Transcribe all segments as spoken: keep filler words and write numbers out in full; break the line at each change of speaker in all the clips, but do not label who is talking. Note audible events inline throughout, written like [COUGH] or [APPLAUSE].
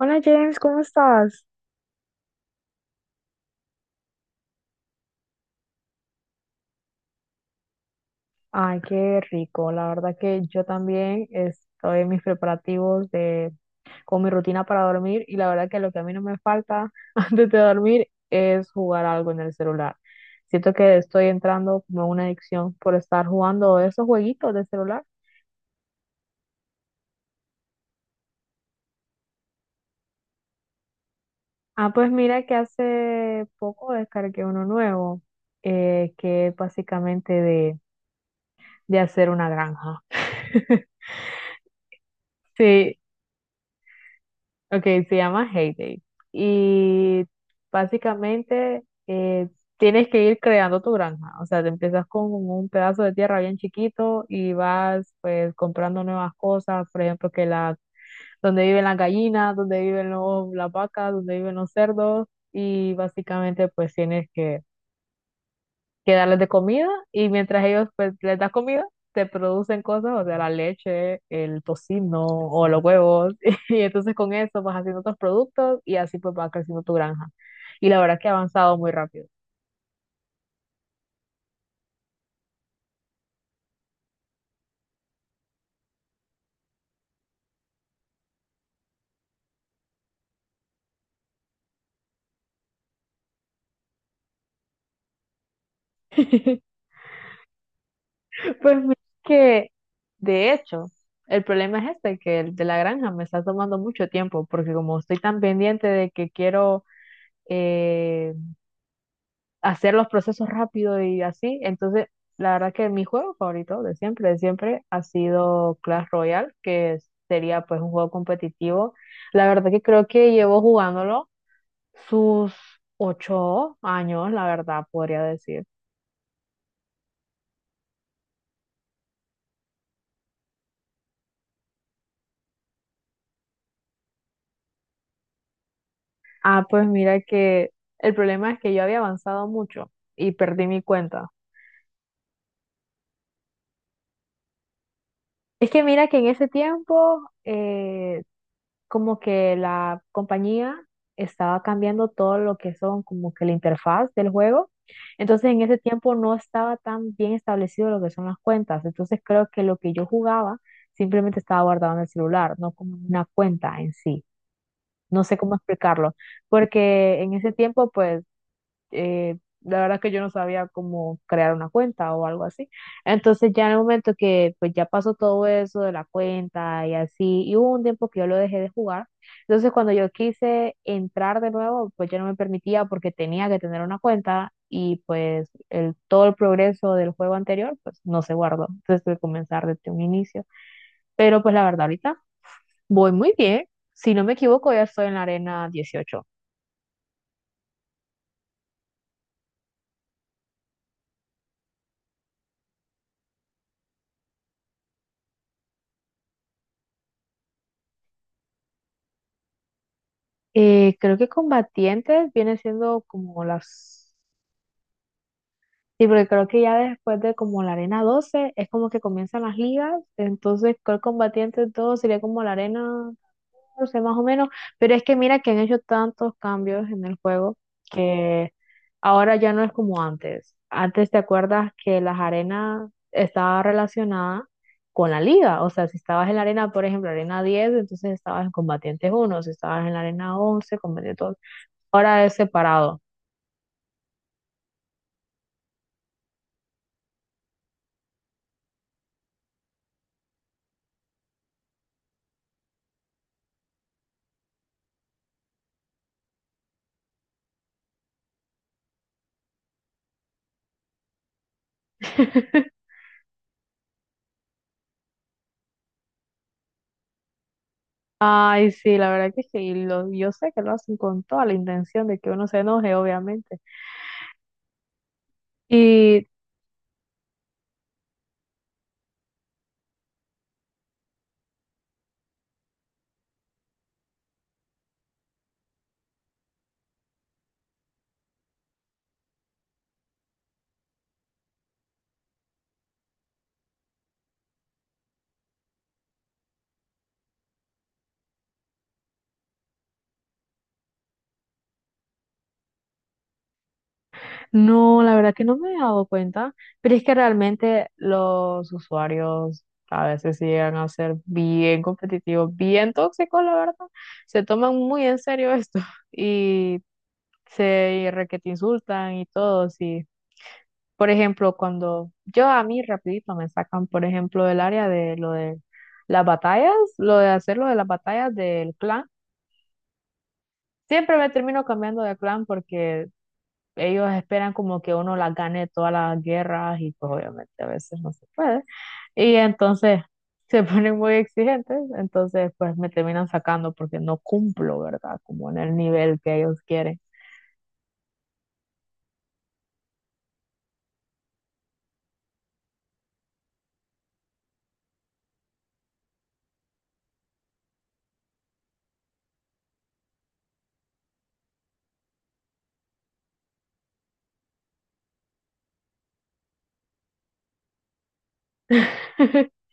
Hola James, ¿cómo estás? Ay, qué rico. La verdad que yo también estoy en mis preparativos de, con mi rutina para dormir y la verdad que lo que a mí no me falta [LAUGHS] antes de dormir es jugar algo en el celular. Siento que estoy entrando como en una adicción por estar jugando esos jueguitos de celular. Ah, pues mira que hace poco descargué uno nuevo, eh, que es básicamente de, de hacer una granja. [LAUGHS] Sí, ok, se llama Heyday. Y básicamente eh, tienes que ir creando tu granja. O sea, te empiezas con un pedazo de tierra bien chiquito y vas pues comprando nuevas cosas. Por ejemplo, que la, donde viven las gallinas, donde viven los, las vacas, donde viven los cerdos. Y básicamente pues tienes que que darles de comida y mientras ellos pues les das comida, te producen cosas, o sea, la leche, el tocino o los huevos [LAUGHS] y entonces con eso vas haciendo otros productos y así pues va creciendo tu granja. Y la verdad que ha avanzado muy rápido. [LAUGHS] Pues mira que de hecho, el problema es este, que el de la granja me está tomando mucho tiempo porque como estoy tan pendiente de que quiero... eh, hacer los procesos rápido y así. Entonces, la verdad que mi juego favorito de siempre, de siempre, ha sido Clash Royale, que es- sería pues un juego competitivo. La verdad que creo que llevo jugándolo sus ocho años, la verdad, podría decir. Ah, pues mira que el problema es que yo había avanzado mucho y perdí mi cuenta. Es que mira que en ese tiempo, eh, como que la compañía estaba cambiando todo lo que son como que la interfaz del juego. Entonces en ese tiempo no estaba tan bien establecido lo que son las cuentas. Entonces creo que lo que yo jugaba simplemente estaba guardado en el celular, no como una cuenta en sí. No sé cómo explicarlo, porque en ese tiempo pues eh, la verdad que yo no sabía cómo crear una cuenta o algo así. Entonces ya en el momento que pues ya pasó todo eso de la cuenta y así, y hubo un tiempo que yo lo dejé de jugar. Entonces cuando yo quise entrar de nuevo, pues ya no me permitía porque tenía que tener una cuenta y pues el, todo el progreso del juego anterior pues no se guardó. Entonces tuve que comenzar desde un inicio. Pero pues la verdad ahorita voy muy bien. Si no me equivoco, ya estoy en la arena dieciocho. Eh, creo que combatientes viene siendo como las... Sí, porque creo que ya después de como la arena doce es como que comienzan las ligas, entonces creo que combatientes todo sería como la arena catorce más o menos, pero es que mira que han hecho tantos cambios en el juego que ahora ya no es como antes. Antes te acuerdas que las arenas estaba relacionada con la liga, o sea, si estabas en la arena, por ejemplo, arena diez entonces estabas en combatientes uno, si estabas en la arena once, combatientes. Ahora es separado. [LAUGHS] Ay, sí, la verdad que sí, y lo- yo sé que lo hacen con toda la intención de que uno se enoje, obviamente. Y no, la verdad que no me he dado cuenta, pero es que realmente los usuarios a veces sí llegan a ser bien competitivos, bien tóxicos, la verdad. Se toman muy en serio esto [LAUGHS] y se requete insultan y todo, sí. Por ejemplo, cuando yo a mí rapidito me sacan, por ejemplo, del área de lo de las batallas, lo de hacer lo de las batallas del clan, siempre me termino cambiando de clan porque ellos esperan como que uno las gane todas las guerras y pues obviamente a veces no se puede. Y entonces [LAUGHS] se ponen muy exigentes, entonces pues me terminan sacando porque no cumplo, ¿verdad? Como en el nivel que ellos quieren. [LAUGHS]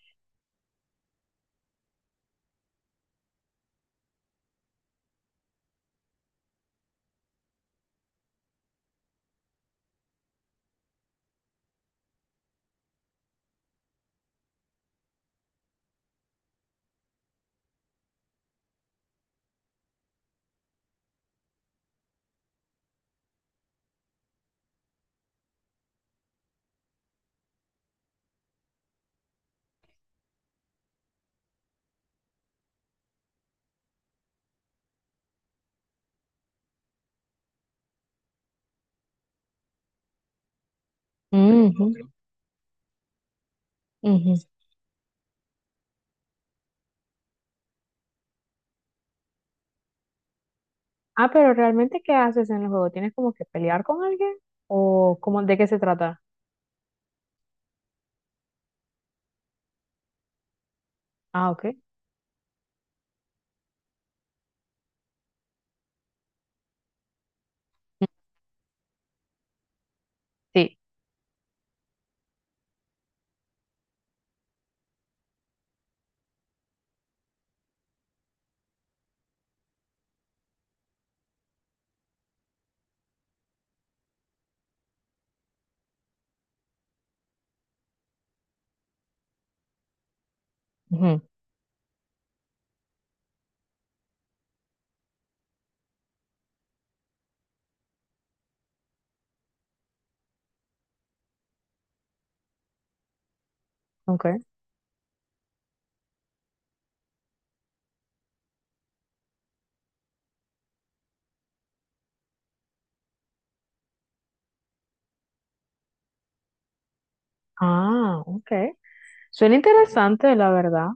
Ujú, ujú. Ah, pero realmente, ¿qué haces en el juego? ¿Tienes como que pelear con alguien? ¿O cómo, de qué se trata? Ah, ok. Mm, sí. Ujú, ok. Ah, ok. Suena interesante, la verdad.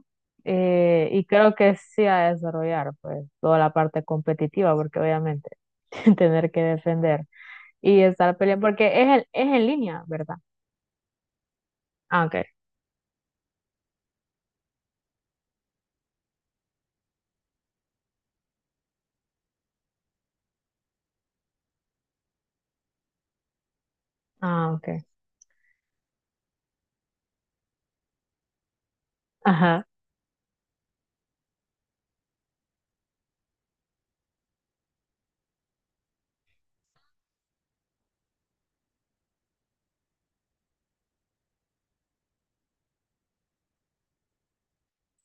Eh, y creo que sí a desarrollar, pues, toda la parte competitiva, porque obviamente [LAUGHS] tener que defender y estar peleando, porque es, en- es en línea, ¿verdad? Ah, ok. Ah, ok. Ajá.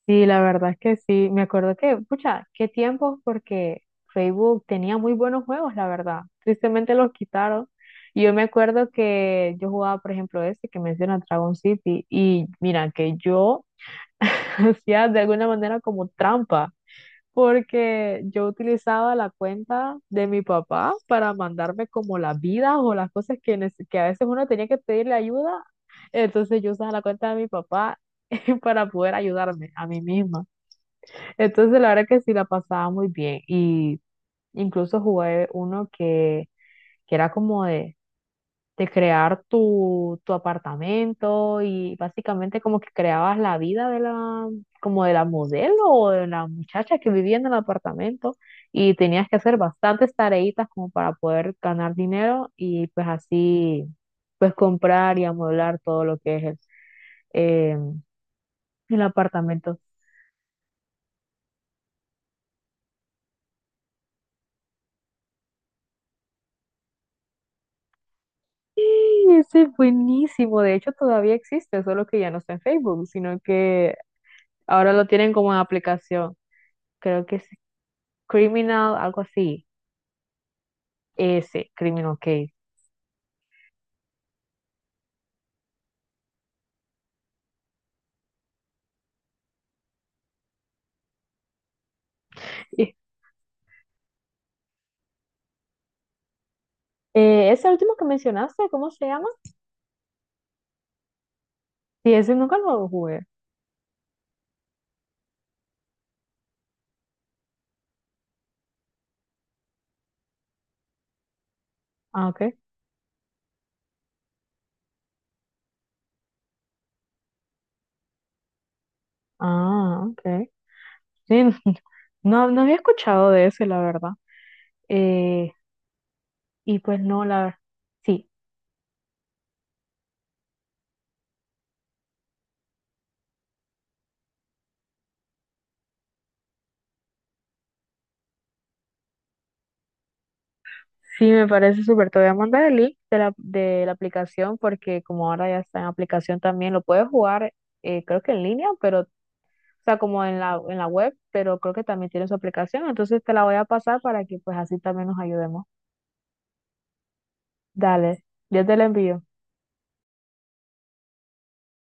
Sí, la verdad es que sí. Me acuerdo que, pucha, qué tiempos porque Facebook tenía muy buenos juegos, la verdad. Tristemente los quitaron. Y yo me acuerdo que yo jugaba, por ejemplo, ese que menciona Dragon City. Y mira, que yo [LAUGHS] hacía de alguna manera como trampa, porque yo utilizaba la cuenta de mi papá para mandarme como las vidas o las cosas que, nece- que a veces uno tenía que pedirle ayuda. Entonces yo usaba la cuenta de mi papá [LAUGHS] para poder ayudarme a mí misma. Entonces, la verdad que sí la pasaba muy bien. Y incluso jugué uno que, que era como de, de crear tu, tu apartamento y básicamente como que creabas la vida de la, como de la modelo o de la muchacha que vivía en el apartamento y tenías que hacer bastantes tareitas como para poder ganar dinero y pues así, pues comprar y amueblar todo lo que es el, eh, el apartamento. Sí, ese es buenísimo. De hecho, todavía existe, solo que ya no está en Facebook, sino que ahora lo tienen como en aplicación. Creo que es Criminal, algo así. Ese, Criminal Case. Y, [LAUGHS] eh, ese último que mencionaste, ¿cómo se llama? Sí, ese nunca lo jugué. Ah, ok. Ah, ok. Sí, [LAUGHS] no, no había escuchado de ese, la verdad. Eh, y pues no, la verdad. Sí. Sí, me parece súper. Te voy a mandar el link de la, de la aplicación porque como ahora ya está en aplicación también, lo puedes jugar eh, creo que en línea, pero, o sea, como en la, en la web, pero creo que también tiene su aplicación. Entonces te la voy a pasar para que pues así también nos ayudemos. Dale, yo te la envío.